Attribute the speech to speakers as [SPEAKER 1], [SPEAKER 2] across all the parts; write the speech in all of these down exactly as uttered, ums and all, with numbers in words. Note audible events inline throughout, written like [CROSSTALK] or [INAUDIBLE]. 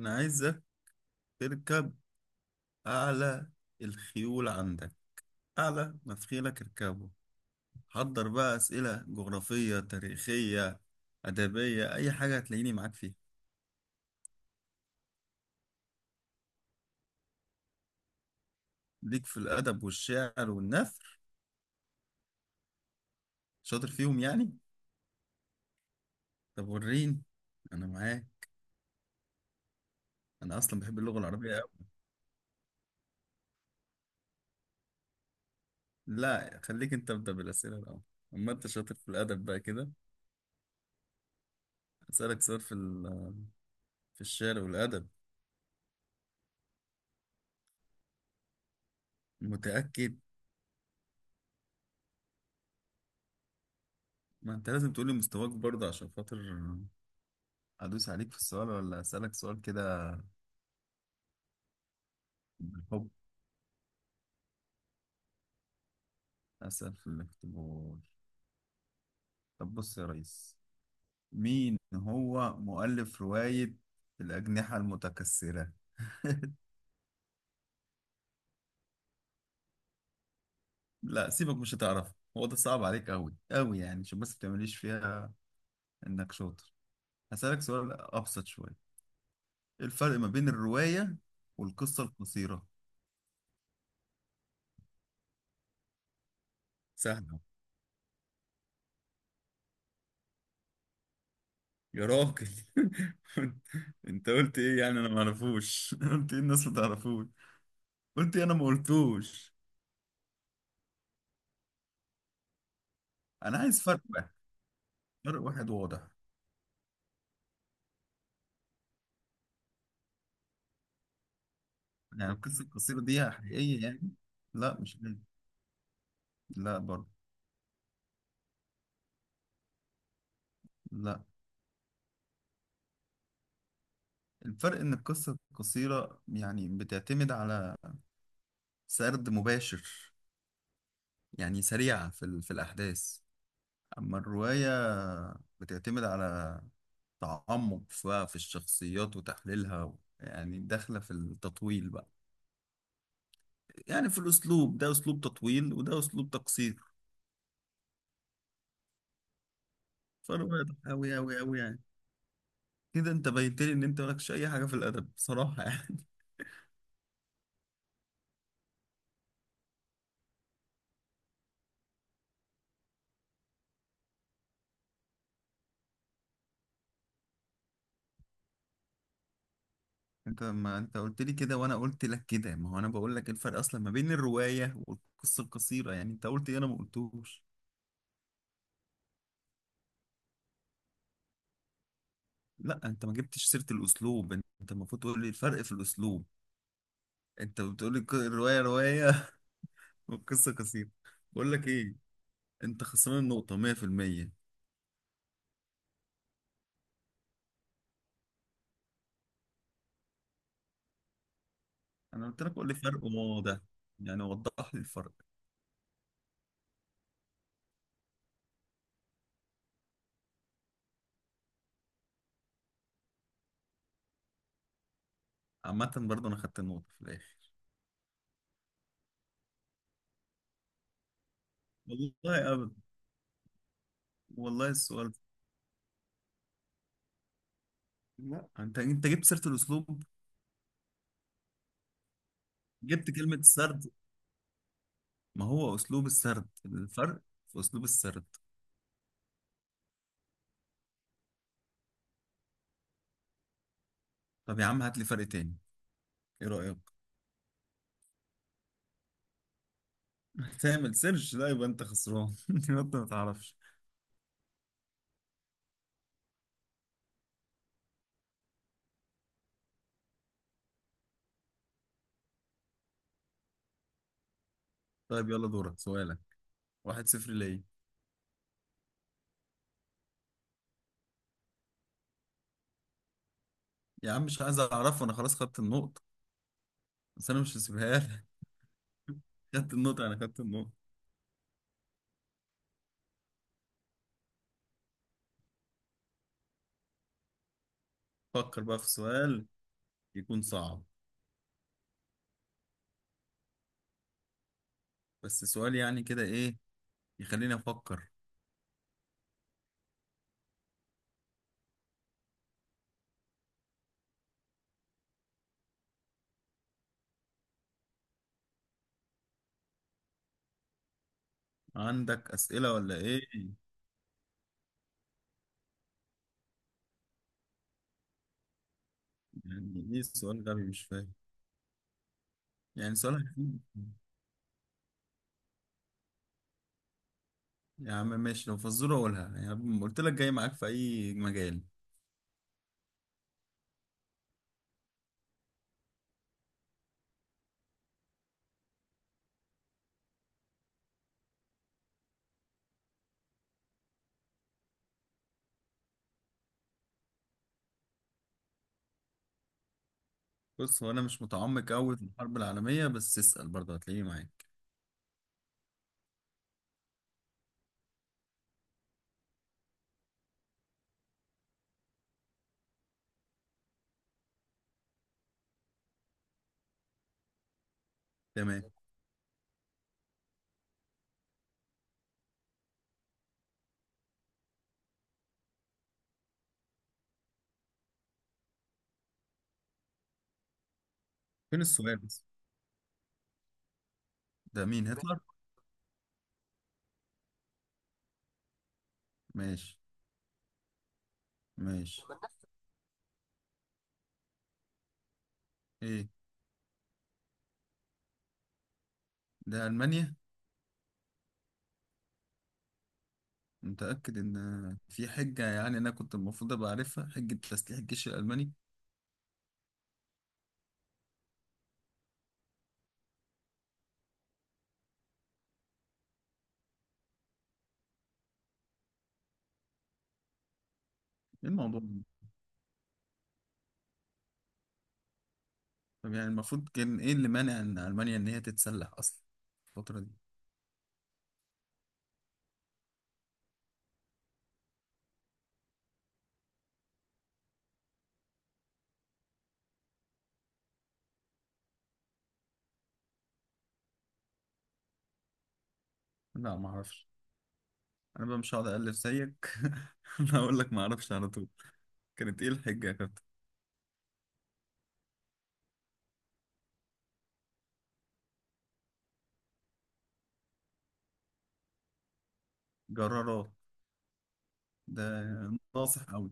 [SPEAKER 1] أنا عايزك تركب أعلى الخيول عندك، أعلى ما في خيلك اركبه. حضر بقى أسئلة جغرافية، تاريخية، أدبية، أي حاجة هتلاقيني معاك فيها. ليك في الأدب والشعر والنثر، شاطر فيهم يعني. طب وريني، أنا معاك. أنا أصلا بحب اللغة العربية أوي. لا خليك أنت، أبدأ بالأسئلة الأول. أما أنت شاطر في الأدب بقى كده، أسألك سؤال في ال- في الشعر والأدب. متأكد؟ ما أنت لازم تقولي مستواك برضه عشان خاطر أدوس عليك في السؤال، ولا أسألك سؤال كده. بالحب، أسأل في الاختبار. طب بص يا ريس، مين هو مؤلف رواية الأجنحة المتكسرة؟ [LAUGHS] لا سيبك، مش هتعرف. هو ده صعب عليك أوي أوي يعني، عشان بس بتعمليش فيها إنك شاطر. هسألك سؤال أبسط شوية. إيه الفرق ما بين الرواية والقصة القصيرة؟ سهلة يا راجل. [LAUGHS] انت قلت ايه يعني؟ انا ما اعرفوش. [LAUGHS] قلت ايه؟ الناس ما تعرفوش. قلت ايه؟ انا ما قلتوش. انا عايز فرق واحد، فرق واحد واضح. يعني القصه القصيره دي حقيقيه يعني؟ لا مش لازم. لا برضه. لا. الفرق ان القصه القصيره يعني بتعتمد على سرد مباشر، يعني سريعه في ال- في الاحداث. اما الروايه بتعتمد على تعمق في في الشخصيات وتحليلها و- يعني داخله في التطويل بقى. يعني في الاسلوب، ده اسلوب تطويل وده اسلوب تقصير. فرق واضح قوي قوي قوي يعني. كده انت بينت لي ان انت مالكش اي حاجه في الادب بصراحه يعني. [LAUGHS] انت ما انت قلت لي كده وانا قلت لك كده. ما هو انا بقول لك ايه الفرق اصلا ما بين الروايه والقصه القصيره يعني، انت قلت ايه؟ انا ما قلتوش. لا انت ما جبتش سيره الاسلوب. انت المفروض تقول لي الفرق في الاسلوب. انت بتقول لي ك- الروايه روايه، [LAUGHS] والقصه قصيره. بقول لك ايه؟ انت خسران النقطه مية في المية. انا قلت لك قول لي فرق وواضح، يعني وضح لي الفرق. عامه برضه انا خدت النقطه في الاخر. والله ابدا. والله السؤال. لا انت انت جبت سيره الاسلوب، جبت كلمه السرد. ما هو اسلوب السرد الفرق، في اسلوب السرد. طب يا عم هات لي فرق تاني، ايه رايك؟ [LAUGHS] تعمل سيرش؟ لا يبقى انت خسران. [LAUGHS] يبقى انت ما تعرفش. طيب يلا دورك، سؤالك. واحد صفر ليا. يا عم مش عايز اعرفه، انا خلاص خدت النقطه. بس انا مش هسيبها لك. [LAUGHS] خدت النقطه، انا خدت النقطه. فكر بقى في سؤال يكون صعب، بس سؤال يعني كده، ايه يخليني افكر. عندك اسئله ولا ايه؟ يعني ايه سؤال غبي؟ مش فاهم. يعني سؤال؟ يا عم ماشي، لو فزورة قولها. يعني قلت لك جاي معاك في أي مجال. بص هو أنا مش متعمق أوي في الحرب العالمية، بس اسأل برضه هتلاقيه معاك. تمام. فين السؤال بس؟ ده مين هتلر؟ ماشي. ماشي. إيه؟ ده ألمانيا؟ متأكد إن في حجة؟ يعني أنا كنت المفروض أبقى عارفها حجة تسليح الجيش الألماني؟ إيه الموضوع ده؟ طب يعني المفروض كان إيه اللي مانع إن ألمانيا إن هي تتسلح أصلا الفترة دي؟ لا معرفش. أنا بقى مش هقعد ألف زيك، [LAUGHS] أنا هقول لك معرفش على طول. كانت إيه الحجة يا كابتن؟ جرارات؟ ده ناصح قوي.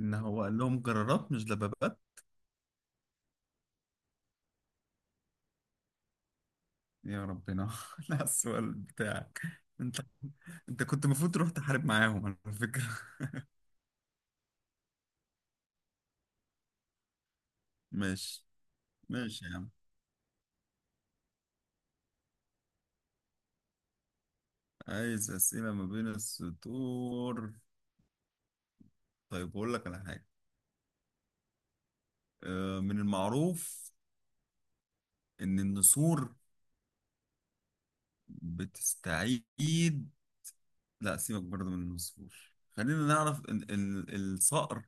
[SPEAKER 1] ان هو قال لهم جرارات مش دبابات؟ يا ربنا. [LAUGHS] لا السؤال بتاعك، انت انت كنت المفروض تروح تحارب معاهم على فكرة. [LAUGHS] ماشي. ماشي يا عم. عايز أسئلة ما بين السطور. طيب بقول لك على حاجة. آه، من المعروف ان النسور بتستعيد. لا سيبك برضه من النسور. خلينا نعرف ان إن الصقر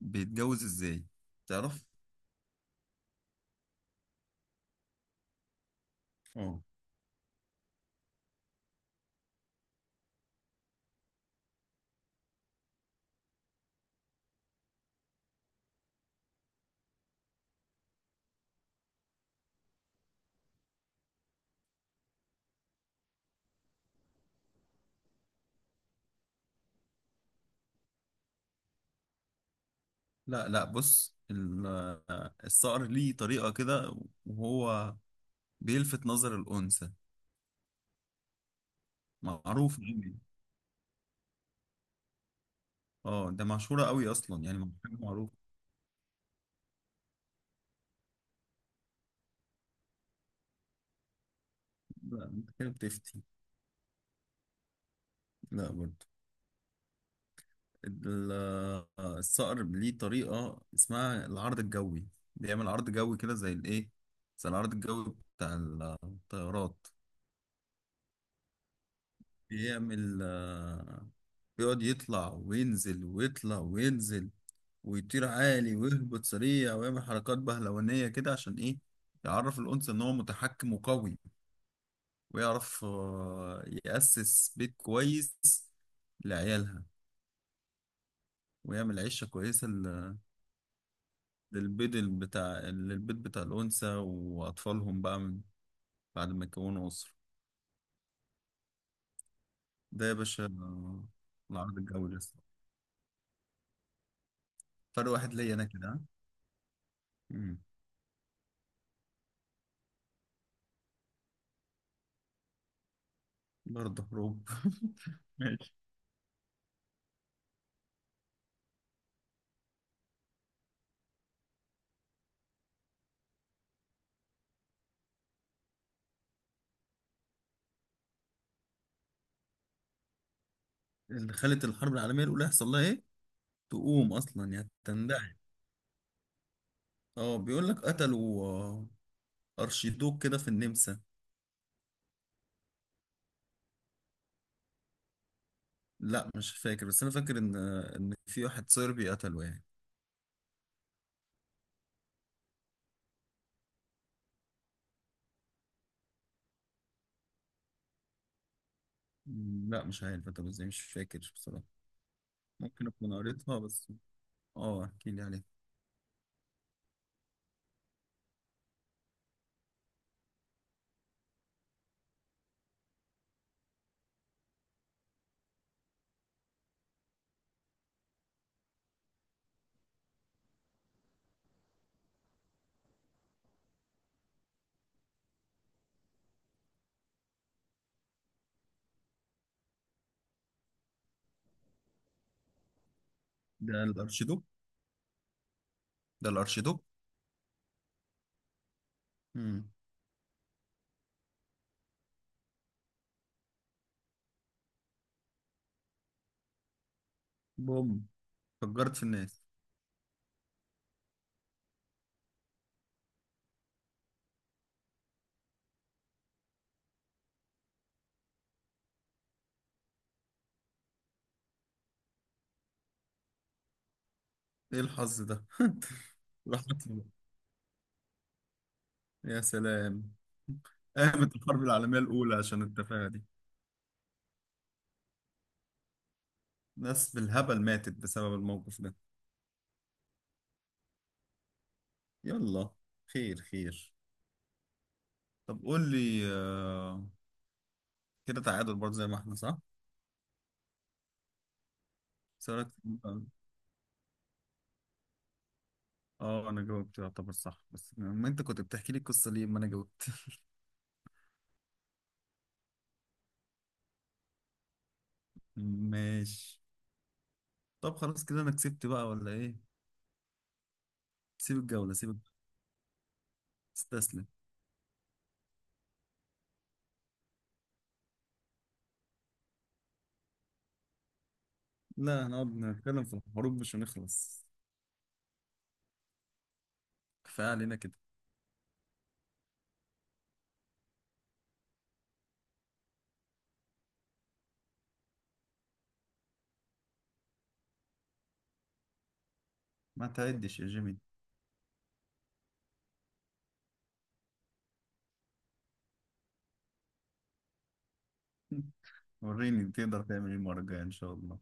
[SPEAKER 1] بيتجوز ازاي. تعرف؟ اه. لا لا، بص ال- آه، الصقر ليه طريقة كده وهو بيلفت نظر الأنثى. معروف يعني. اه ده مشهورة قوي أصلا يعني. حاجة معروفة. لا أنت كده بتفتي. لا برضه. ال- آه، الصقر ليه طريقة اسمها العرض الجوي. بيعمل عرض جوي كده زي الإيه، زي العرض الجوي بتاع الطيارات. بيعمل آه، بيقعد يطلع وينزل، ويطلع وينزل، ويطير عالي ويهبط سريع، ويعمل حركات بهلوانية كده. عشان إيه؟ يعرف الأنثى إن هو متحكم وقوي، ويعرف آه، يأسس بيت كويس لعيالها، ويعمل عيشة كويسة لل- للبيض ال- بتاع للبيت بتاع الأنثى وأطفالهم بقى، من بعد ما يكونوا أسرة. ده يا باشا آه، العرض الجوي لسه. فرق واحد ليا أنا كده، ها؟ مم. برضه حروب. [LAUGHS] ماشي. اللي خلت الحرب العالمية الأولى يحصل لها إيه؟ تقوم أصلا يعني تندعي. اه بيقول لك قتلوا آه، ارشيدوك كده في النمسا. لا مش فاكر، بس انا فاكر ان ان في واحد صربي قتله يعني. لا مش عارف قتله ازاي، مش فاكر بصراحة. ممكن اكون قريتها بس. اه احكي لي عليها. ده الارشيدوك؟ ده الارشيدوك. امم. بوم، فجرت في الناس. ايه الحظ ده؟ [LAUGHS] راح قتله. يا سلام. قامت الحرب العالمية الأولى عشان التفاهة دي. ناس بالهبل ماتت بسبب الموقف ده. يلا. خير خير. طب قول لي، آه، كده تعادل برضه زي ما احنا، صح؟ سؤالك. اه انا جاوبت يعتبر صح، بس ما انت كنت بتحكي لي القصه ليه، ما انا جاوبت. [LAUGHS] ماشي. طب خلاص كده انا كسبت بقى ولا ايه؟ سيب الجوله، سيب الجولة. استسلم. لا هنقعد نتكلم في الحروب مش هنخلص. كفايه علينا كده. ما تعدش يا جيمي. [LAUGHS] وريني تقدر تعمل ايه المره الجايه ان شاء الله.